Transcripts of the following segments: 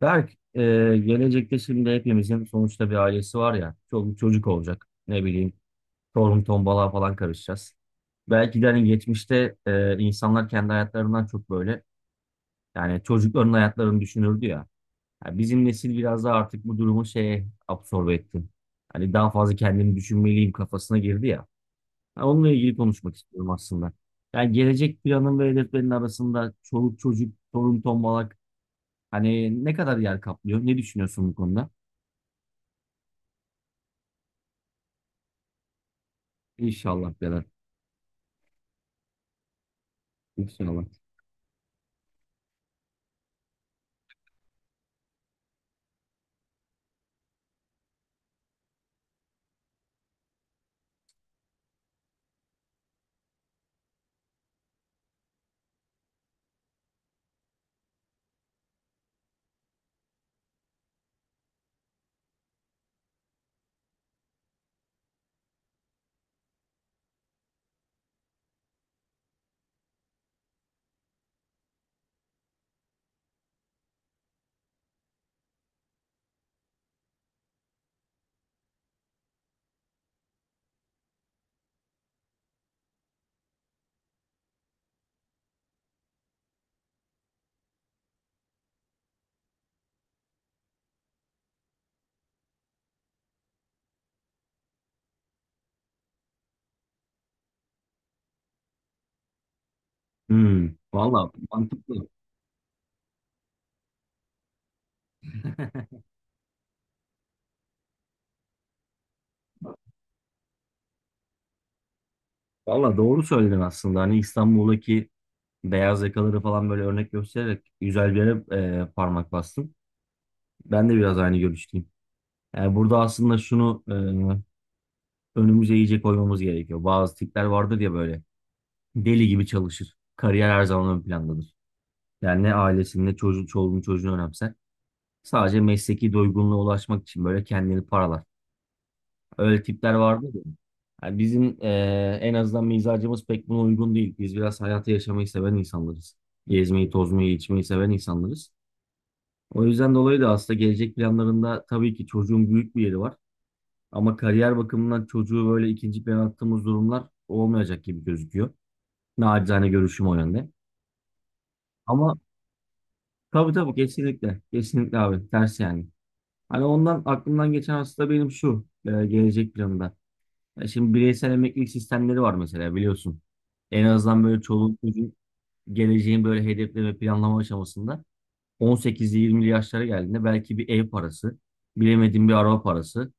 Berk, gelecekte şimdi hepimizin sonuçta bir ailesi var ya, çoluk çocuk olacak. Ne bileyim, torun tombalığa falan karışacağız. Belki de hani geçmişte insanlar kendi hayatlarından çok böyle, yani çocukların hayatlarını düşünürdü ya. Ya bizim nesil biraz daha artık bu durumu şeye absorbe etti. Hani daha fazla kendimi düşünmeliyim kafasına girdi ya. Ha, onunla ilgili konuşmak istiyorum aslında. Yani gelecek planın ve hedeflerin arasında çoluk çocuk, torun tombalak hani ne kadar yer kaplıyor? Ne düşünüyorsun bu konuda? İnşallah beyler. İnşallah. Hmm, valla mantıklı. Valla doğru söyledin aslında. Hani İstanbul'daki beyaz yakaları falan böyle örnek göstererek güzel bir yere parmak bastın. Ben de biraz aynı görüşteyim. Yani burada aslında şunu önümüze iyice koymamız gerekiyor. Bazı tipler vardır ya böyle deli gibi çalışır. Kariyer her zaman ön plandadır. Yani ne ailesini ne çocuğu, çoluğunu çocuğunu önemser. Sadece mesleki doygunluğa ulaşmak için böyle kendini paralar. Öyle tipler vardı ya. Yani bizim en azından mizacımız pek buna uygun değil. Biz biraz hayatı yaşamayı seven insanlarız. Gezmeyi, tozmayı, içmeyi seven insanlarız. O yüzden dolayı da aslında gelecek planlarında tabii ki çocuğun büyük bir yeri var. Ama kariyer bakımından çocuğu böyle ikinci plana attığımız durumlar olmayacak gibi gözüküyor. Naçizane görüşüm o yönde. Ama tabii tabii kesinlikle. Kesinlikle abi. Ters yani. Hani ondan aklımdan geçen aslında benim şu gelecek planında. Ya şimdi bireysel emeklilik sistemleri var mesela biliyorsun. En azından böyle çoluk çocuğun geleceğin böyle hedefleme planlama aşamasında 18'li 20'li yaşlara geldiğinde belki bir ev parası, bilemediğin bir araba parası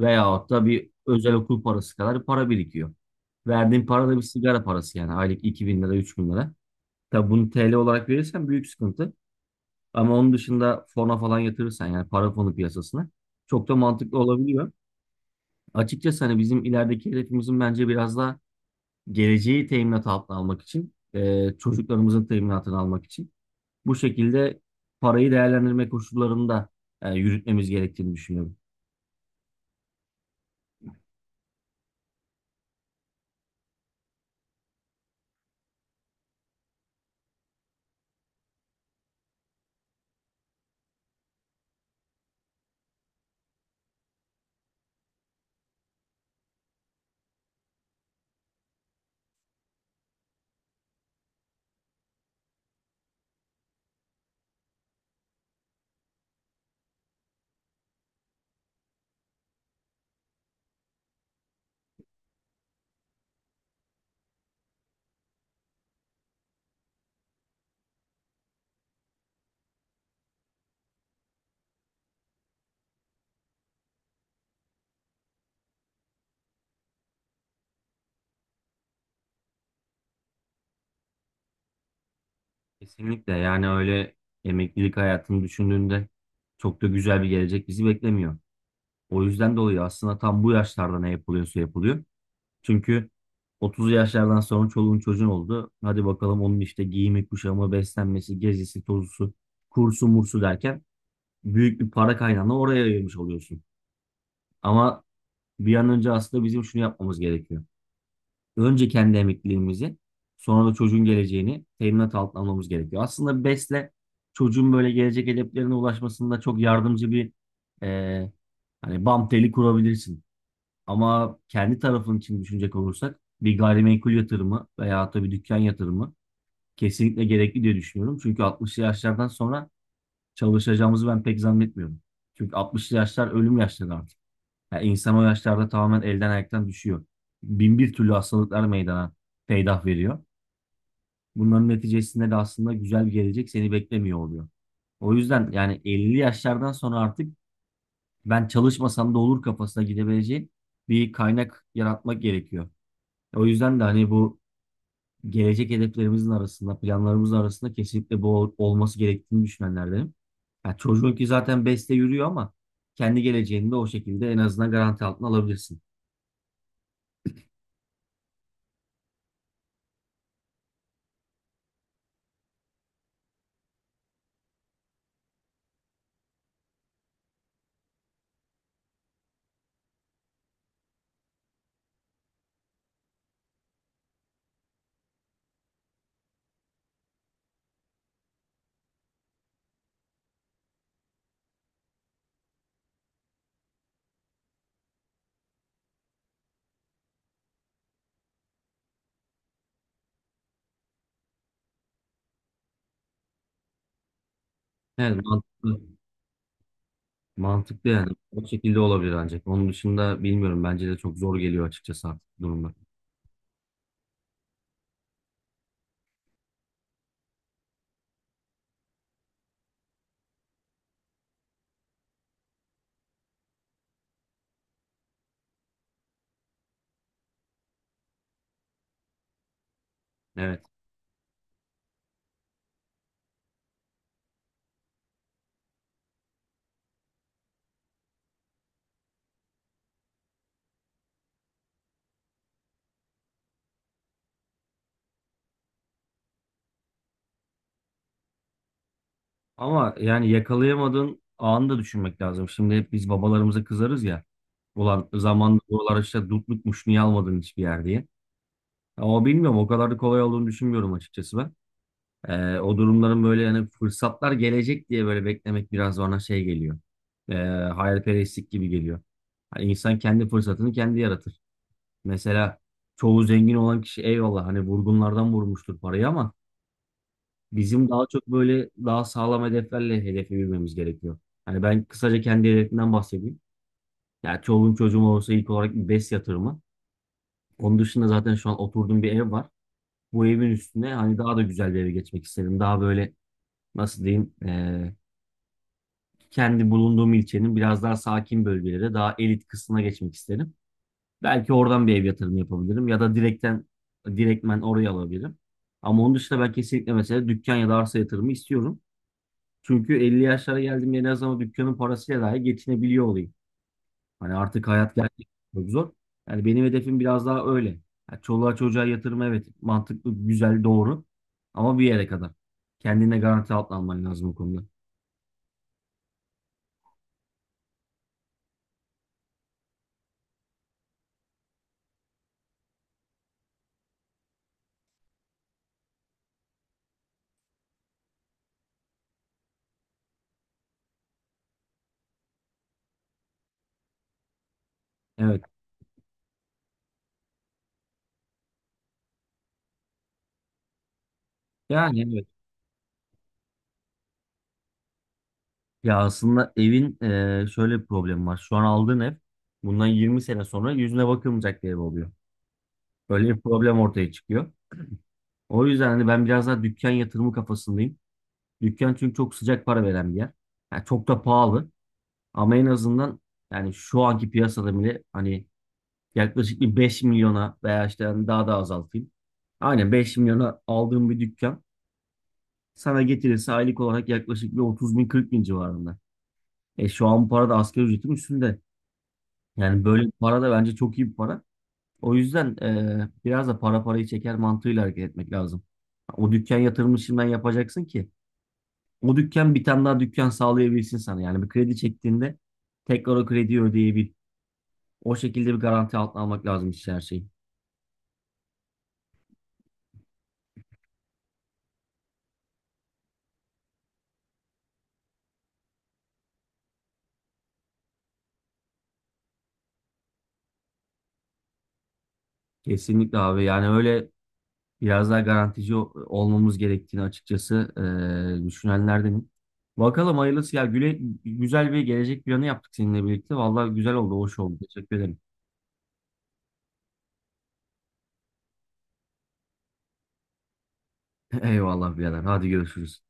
veyahut da bir özel okul parası kadar para birikiyor. Verdiğin para da bir sigara parası yani aylık 2000 lira 3000 lira. Tabii bunu TL olarak verirsen büyük sıkıntı. Ama onun dışında fona falan yatırırsan yani para fonu piyasasına çok da mantıklı olabiliyor. Açıkçası hani bizim ilerideki hedefimizin bence biraz daha geleceği teminat altına almak için, çocuklarımızın teminatını almak için bu şekilde parayı değerlendirme koşullarında yürütmemiz gerektiğini düşünüyorum. Kesinlikle yani öyle emeklilik hayatını düşündüğünde çok da güzel bir gelecek bizi beklemiyor. O yüzden dolayı aslında tam bu yaşlarda ne yapılıyorsa yapılıyor. Çünkü 30 yaşlardan sonra çoluğun çocuğun oldu. Hadi bakalım onun işte giyimi, kuşamı, beslenmesi, gezisi, tozusu, kursu, mursu derken büyük bir para kaynağını oraya ayırmış oluyorsun. Ama bir an önce aslında bizim şunu yapmamız gerekiyor. Önce kendi emekliliğimizi, sonra da çocuğun geleceğini teminat altına almamız gerekiyor. Aslında BES'le çocuğun böyle gelecek hedeflerine ulaşmasında çok yardımcı bir e, hani bam teli kurabilirsin. Ama kendi tarafın için düşünecek olursak bir gayrimenkul yatırımı veya da bir dükkan yatırımı kesinlikle gerekli diye düşünüyorum. Çünkü 60'lı yaşlardan sonra çalışacağımızı ben pek zannetmiyorum. Çünkü 60'lı yaşlar ölüm yaşları artık. Yani insan o yaşlarda tamamen elden ayaktan düşüyor. Bin bir türlü hastalıklar meydana peydah veriyor. Bunların neticesinde de aslında güzel bir gelecek seni beklemiyor oluyor. O yüzden yani 50 yaşlardan sonra artık ben çalışmasam da olur kafasına gidebileceğin bir kaynak yaratmak gerekiyor. O yüzden de hani bu gelecek hedeflerimizin arasında, planlarımızın arasında kesinlikle bu olması gerektiğini düşünenlerdenim. Yani çocuğun ki zaten beste yürüyor ama kendi geleceğini de o şekilde en azından garanti altına alabilirsin. Evet, mantıklı. Mantıklı yani. O şekilde olabilir ancak. Onun dışında bilmiyorum. Bence de çok zor geliyor açıkçası artık durumlar. Evet. Ama yani yakalayamadığın anı da düşünmek lazım. Şimdi hep biz babalarımıza kızarız ya. Ulan zamanında buralar işte dutlukmuş niye almadın hiçbir yer diye. Ama bilmiyorum o kadar da kolay olduğunu düşünmüyorum açıkçası ben. O durumların böyle yani fırsatlar gelecek diye böyle beklemek biraz bana şey geliyor. Ee, hayalperestlik gibi geliyor. Hani insan kendi fırsatını kendi yaratır. Mesela çoğu zengin olan kişi eyvallah hani vurgunlardan vurmuştur parayı ama bizim daha çok böyle daha sağlam hedeflerle hedefe yürümemiz gerekiyor. Hani ben kısaca kendi hedefimden bahsedeyim. Ya çoluğum çocuğum olursa ilk olarak bir BES yatırımı. Onun dışında zaten şu an oturduğum bir ev var. Bu evin üstüne hani daha da güzel bir eve geçmek isterim. Daha böyle nasıl diyeyim, kendi bulunduğum ilçenin biraz daha sakin bölgelere daha elit kısmına geçmek isterim. Belki oradan bir ev yatırımı yapabilirim ya da direkten direktmen oraya alabilirim. Ama onun dışında ben kesinlikle mesela dükkan ya da arsa yatırımı istiyorum. Çünkü 50 yaşlara geldiğimde en azından dükkanın parasıyla dahi geçinebiliyor olayım. Hani artık hayat gerçekten çok zor. Yani benim hedefim biraz daha öyle. Yani çoluğa çocuğa yatırım evet mantıklı, güzel, doğru. Ama bir yere kadar. Kendine garanti altına alman lazım o konuda. Evet. Yani evet. Ya aslında evin şöyle bir problemi var. Şu an aldığın ev bundan 20 sene sonra yüzüne bakılmayacak bir ev oluyor. Böyle bir problem ortaya çıkıyor. O yüzden hani ben biraz daha dükkan yatırımı kafasındayım. Dükkan çünkü çok sıcak para veren bir yer. Yani çok da pahalı ama en azından yani şu anki piyasada bile hani yaklaşık bir 5 milyona veya işte hani daha da azaltayım. Aynen 5 milyona aldığım bir dükkan sana getirirse aylık olarak yaklaşık bir 30 bin 40 bin civarında. E şu an bu para da asgari ücretin üstünde. Yani böyle bir para da bence çok iyi bir para. O yüzden biraz da para parayı çeker mantığıyla hareket etmek lazım. O dükkan yatırımını şimdiden yapacaksın ki o dükkan bir tane daha dükkan sağlayabilsin sana. Yani bir kredi çektiğinde tekrar o krediyi ödeyebil. O şekilde bir garanti altına almak lazım işte her şeyi. Kesinlikle abi yani öyle biraz daha garantici olmamız gerektiğini açıkçası düşünenlerdenim. Bakalım hayırlısı ya Güle, güzel bir gelecek planı yaptık seninle birlikte. Vallahi güzel oldu, hoş oldu. Teşekkür ederim. Eyvallah birader. Hadi görüşürüz.